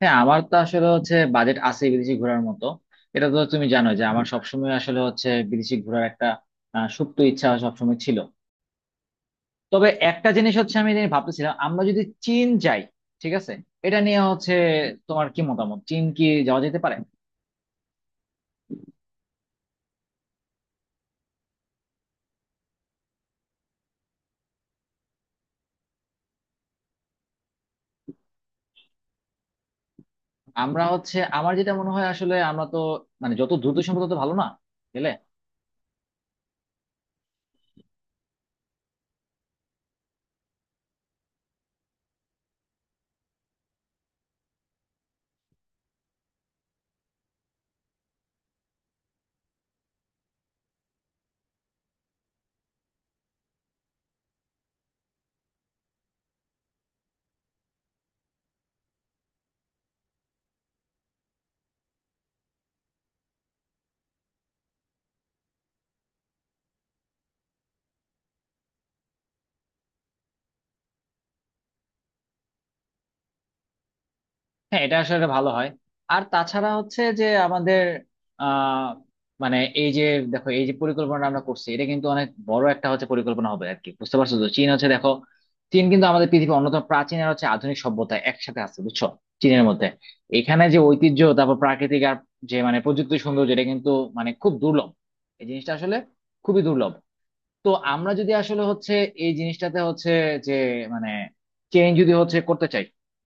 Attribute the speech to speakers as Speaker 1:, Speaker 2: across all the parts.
Speaker 1: হ্যাঁ, আমার তো আসলে হচ্ছে বাজেট আছে বিদেশি ঘোরার মতো। এটা তো তুমি জানো যে আমার সবসময় আসলে হচ্ছে বিদেশি ঘোরার একটা সুপ্ত ইচ্ছা সবসময় ছিল। তবে একটা জিনিস হচ্ছে, আমি যেটা ভাবতেছিলাম, আমরা যদি চীন যাই, ঠিক আছে? এটা নিয়ে হচ্ছে তোমার কি মতামত, চীন কি যাওয়া যেতে পারে? আমরা হচ্ছে, আমার যেটা মনে হয় আসলে, আমরা তো মানে যত দ্রুত সম্ভব তত ভালো না গেলে? হ্যাঁ, এটা আসলে ভালো হয়। আর তাছাড়া হচ্ছে যে আমাদের আহ মানে এই যে, দেখো, এই যে পরিকল্পনা আমরা করছি, এটা কিন্তু অনেক বড় একটা হচ্ছে পরিকল্পনা হবে আর কি, বুঝতে পারছো? তো চীন হচ্ছে, দেখো, চীন কিন্তু আমাদের পৃথিবীর অন্যতম প্রাচীন আর হচ্ছে আধুনিক সভ্যতা একসাথে আছে, বুঝছো, চীনের মধ্যে। এখানে যে ঐতিহ্য, তারপর প্রাকৃতিক আর যে মানে প্রযুক্তি সৌন্দর্য, এটা কিন্তু মানে খুব দুর্লভ। এই জিনিসটা আসলে খুবই দুর্লভ। তো আমরা যদি আসলে হচ্ছে এই জিনিসটাতে হচ্ছে, যে মানে চেঞ্জ যদি হচ্ছে করতে চাই,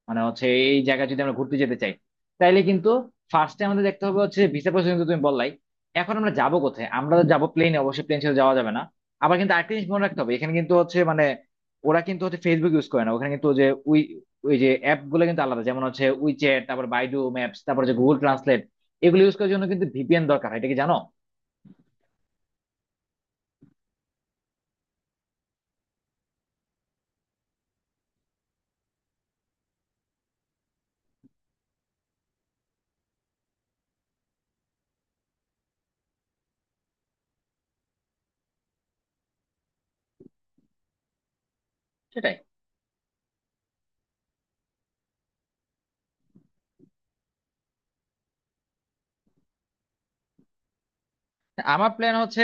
Speaker 1: মানে হচ্ছে এই জায়গায় যদি আমরা ঘুরতে যেতে চাই, তাইলে কিন্তু ফার্স্টে আমাদের দেখতে হবে হচ্ছে ভিসা প্রসেস, কিন্তু তুমি বললাই। এখন আমরা যাবো কোথায়? আমরা তো যাবো প্লেনে, অবশ্যই প্লেন ছেড়ে যাওয়া যাবে না। আবার কিন্তু আরেকটা জিনিস মনে রাখতে হবে, এখানে কিন্তু হচ্ছে মানে ওরা কিন্তু হচ্ছে ফেসবুক ইউজ করে না, ওখানে কিন্তু যে উই, ওই যে অ্যাপ গুলো কিন্তু আলাদা, যেমন হচ্ছে উইচ্যাট, তারপর বাইডু ম্যাপস, তারপর যে গুগল ট্রান্সলেট, এগুলো ইউজ করার জন্য কিন্তু ভিপিএন দরকার হয়, এটা কি জানো? সেটাই। আমার প্ল্যান হচ্ছে,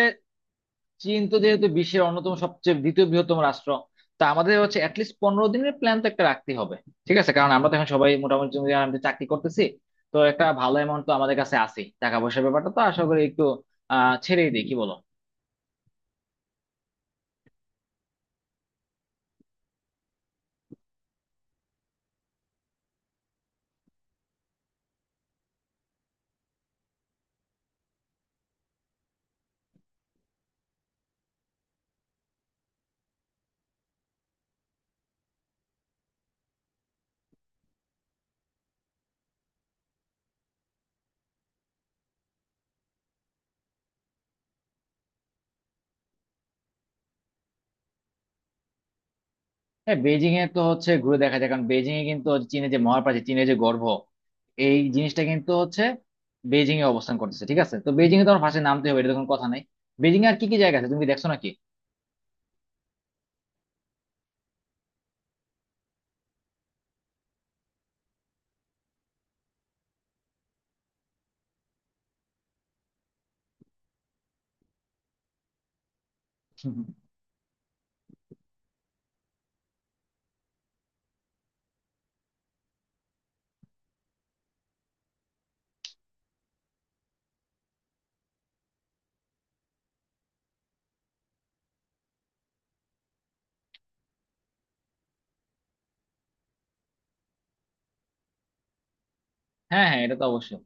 Speaker 1: চীন তো যেহেতু বিশ্বের অন্যতম সবচেয়ে দ্বিতীয় বৃহত্তম রাষ্ট্র, তা আমাদের হচ্ছে অ্যাটলিস্ট 15 দিনের প্ল্যান তো একটা রাখতে হবে, ঠিক আছে? কারণ আমরা তো এখন সবাই মোটামুটি, তুমি জানো, আমরা চাকরি করতেছি। তো একটা ভালো অ্যামাউন্ট তো আমাদের কাছে আছে, টাকা পয়সার ব্যাপারটা তো আশা করি একটু ছেড়েই দিই, কি বলো? হ্যাঁ, বেজিং এ তো হচ্ছে ঘুরে দেখা যায়, কারণ বেজিং এ কিন্তু হচ্ছে চীনের যে মহাপ্রাচীর, চীনের যে গর্ভ, এই জিনিসটা কিন্তু হচ্ছে বেজিং এ অবস্থান করতেছে, ঠিক আছে? তো বেজিং এ তো আমার ফার্স্টে নামতে হবে, এটা তো কোনো কথা নাই। বেজিং এ আর কি কি জায়গা আছে, তুমি কি দেখছো নাকি? হ্যাঁ হ্যাঁ, এটা তো অবশ্যই।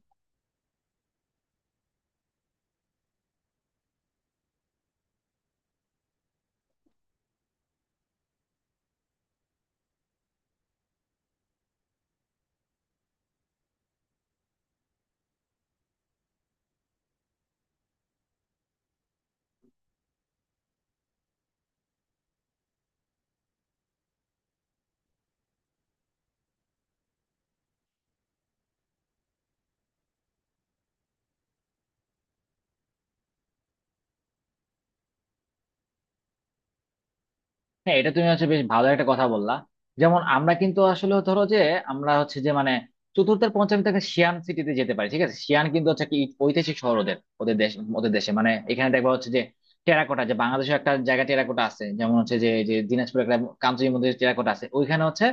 Speaker 1: হ্যাঁ, এটা তুমি হচ্ছে বেশ ভালো একটা কথা বললা। যেমন আমরা কিন্তু আসলে ধরো যে, আমরা হচ্ছে যে মানে চতুর্থের পঞ্চম থেকে সিয়ান সিটিতে যেতে পারি, ঠিক আছে? সিয়ান কিন্তু হচ্ছে কি ঐতিহাসিক শহর ওদের ওদের দেশ, ওদের দেশে মানে এখানে দেখবা হচ্ছে যে টেরাকোটা, যে বাংলাদেশে একটা জায়গা টেরাকোটা আছে, যেমন হচ্ছে যে যে দিনাজপুরে একটা কামচুর মধ্যে টেরাকোটা আছে, ওইখানে হচ্ছে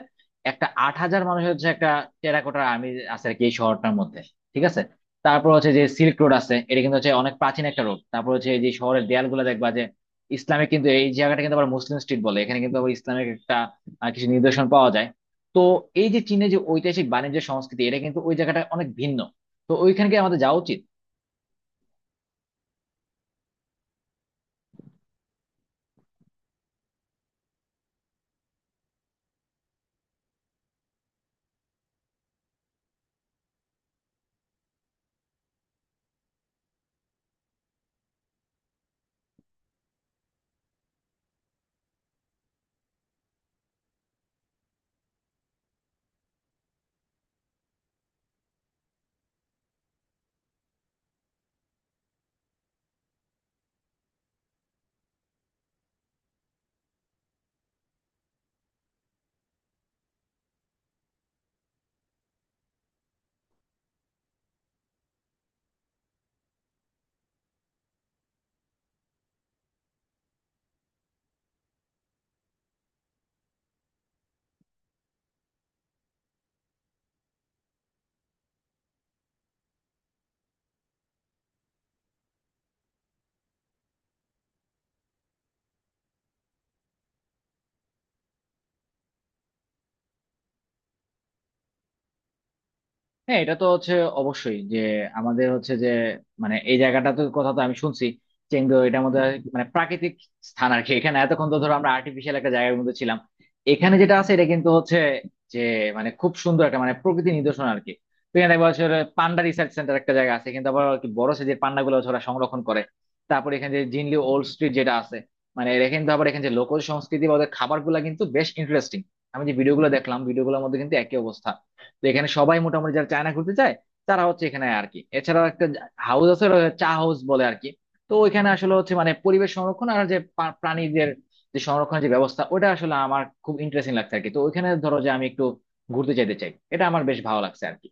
Speaker 1: একটা 8,000 মানুষের হচ্ছে একটা টেরাকোটার আর্মি আছে আর কি, এই শহরটার মধ্যে, ঠিক আছে? তারপর হচ্ছে যে সিল্ক রোড আছে, এটা কিন্তু হচ্ছে অনেক প্রাচীন একটা রোড। তারপর হচ্ছে এই যে শহরের দেয়ালগুলো দেখবা, ইসলামে কিন্তু এই জায়গাটা কিন্তু আবার মুসলিম স্ট্রিট বলে, এখানে কিন্তু আবার ইসলামের একটা কিছু নিদর্শন পাওয়া যায়। তো এই যে চীনে যে ঐতিহাসিক বাণিজ্য সংস্কৃতি, এটা কিন্তু ওই জায়গাটা অনেক ভিন্ন। তো ওইখানে কি আমাদের যাওয়া উচিত? হ্যাঁ, এটা তো হচ্ছে অবশ্যই যে আমাদের হচ্ছে যে মানে এই জায়গাটা তো কথা তো আমি শুনছি, চেংদু, এটা আমাদের মানে প্রাকৃতিক স্থান আর কি। এখানে এতক্ষণ তো ধরো আমরা আর্টিফিশিয়াল একটা জায়গার মধ্যে ছিলাম, এখানে যেটা আছে এটা কিন্তু হচ্ছে যে মানে খুব সুন্দর একটা মানে প্রকৃতি নিদর্শন আর কি। তো এখানে দেখবো হচ্ছে পান্ডা রিসার্চ সেন্টার একটা জায়গা আছে কিন্তু আবার আর কি, বড় সাইজের পান্ডা গুলো হচ্ছে ওরা সংরক্ষণ করে। তারপর এখানে যে জিনলি ওল্ড স্ট্রিট যেটা আছে, মানে এরা কিন্তু আবার এখানে যে লোকজ সংস্কৃতি বা ওদের খাবার গুলা কিন্তু বেশ ইন্টারেস্টিং। আমি যে ভিডিও গুলো দেখলাম, ভিডিও গুলোর মধ্যে কিন্তু একই অবস্থা। তো এখানে সবাই মোটামুটি যারা চায়না ঘুরতে চায় তারা হচ্ছে এখানে আর কি। এছাড়া একটা হাউস আছে, ওটা চা হাউস বলে আর কি। তো ওইখানে আসলে হচ্ছে মানে পরিবেশ সংরক্ষণ আর যে প্রাণীদের যে সংরক্ষণের যে ব্যবস্থা, ওটা আসলে আমার খুব ইন্টারেস্টিং লাগছে আর কি। তো ওইখানে ধরো যে আমি একটু ঘুরতে যেতে চাই, এটা আমার বেশ ভালো লাগছে আর কি।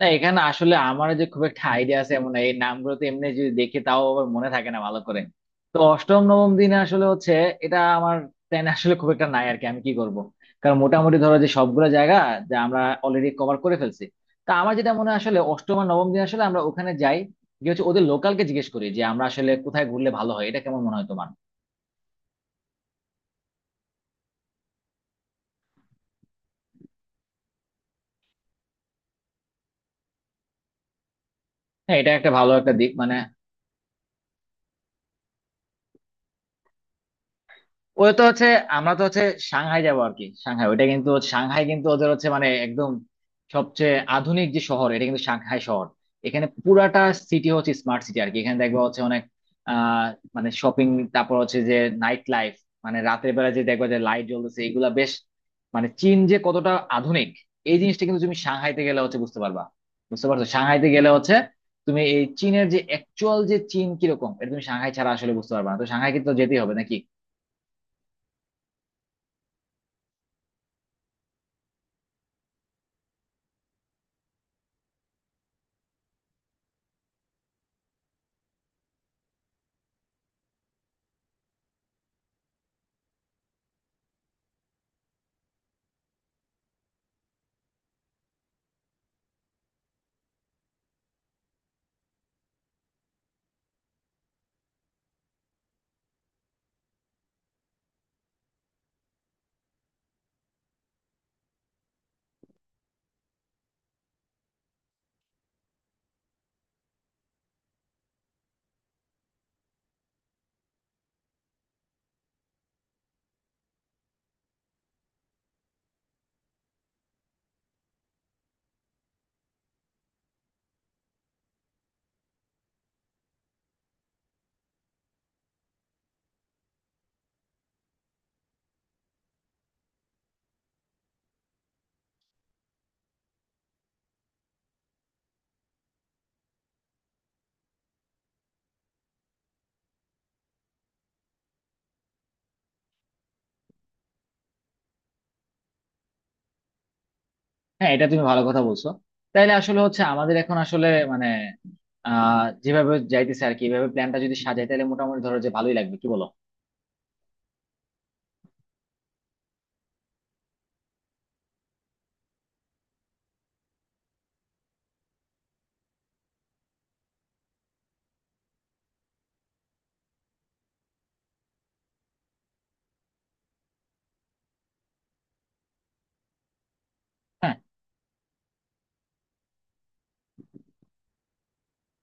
Speaker 1: না, এখানে আসলে আমার যে খুব একটা আইডিয়া আছে এমন না। এই নামগুলো তো এমনি যদি দেখি তাও আবার মনে থাকে না ভালো করে। তো অষ্টম নবম দিনে আসলে হচ্ছে এটা আমার প্ল্যান আসলে খুব একটা নাই আর কি, আমি কি করব। কারণ মোটামুটি ধরো যে সবগুলো জায়গা যা আমরা অলরেডি কভার করে ফেলছি, তা আমার যেটা মনে হয় আসলে অষ্টম আর নবম দিন আসলে আমরা ওখানে যাই, গিয়ে হচ্ছে ওদের লোকালকে জিজ্ঞেস করি যে আমরা আসলে কোথায় ঘুরলে ভালো হয়, এটা কেমন মনে হয় তোমার? হ্যাঁ, এটা একটা ভালো একটা দিক মানে। ওই তো হচ্ছে, আমরা তো হচ্ছে সাংহাই যাবো আর কি। সাংহাই কিন্তু ওদের হচ্ছে মানে একদম সবচেয়ে আধুনিক যে শহর, এটা কিন্তু সাংহাই শহর। এখানে পুরাটা সিটি হচ্ছে স্মার্ট সিটি আর কি। এখানে দেখবা হচ্ছে অনেক আহ মানে শপিং, তারপর হচ্ছে যে নাইট লাইফ, মানে রাতের বেলা যে দেখবা যে লাইট জ্বলতেছে, এগুলা বেশ মানে চীন যে কতটা আধুনিক, এই জিনিসটা কিন্তু তুমি সাংহাইতে গেলে হচ্ছে বুঝতে পারবা। বুঝতে পারছো, সাংহাইতে গেলে হচ্ছে তুমি এই চীনের যে অ্যাকচুয়াল যে চীন কিরকম, এটা তুমি সাংহাই ছাড়া আসলে বুঝতে পারবা না। তো সাংহাই কিন্তু যেতেই হবে নাকি। হ্যাঁ, এটা তুমি ভালো কথা বলছো। তাইলে আসলে হচ্ছে আমাদের এখন আসলে মানে যেভাবে যাইতেছে আর কি, এভাবে প্ল্যানটা যদি সাজাই তাহলে মোটামুটি ধরো যে ভালোই লাগবে, কি বলো? হ্যাঁ।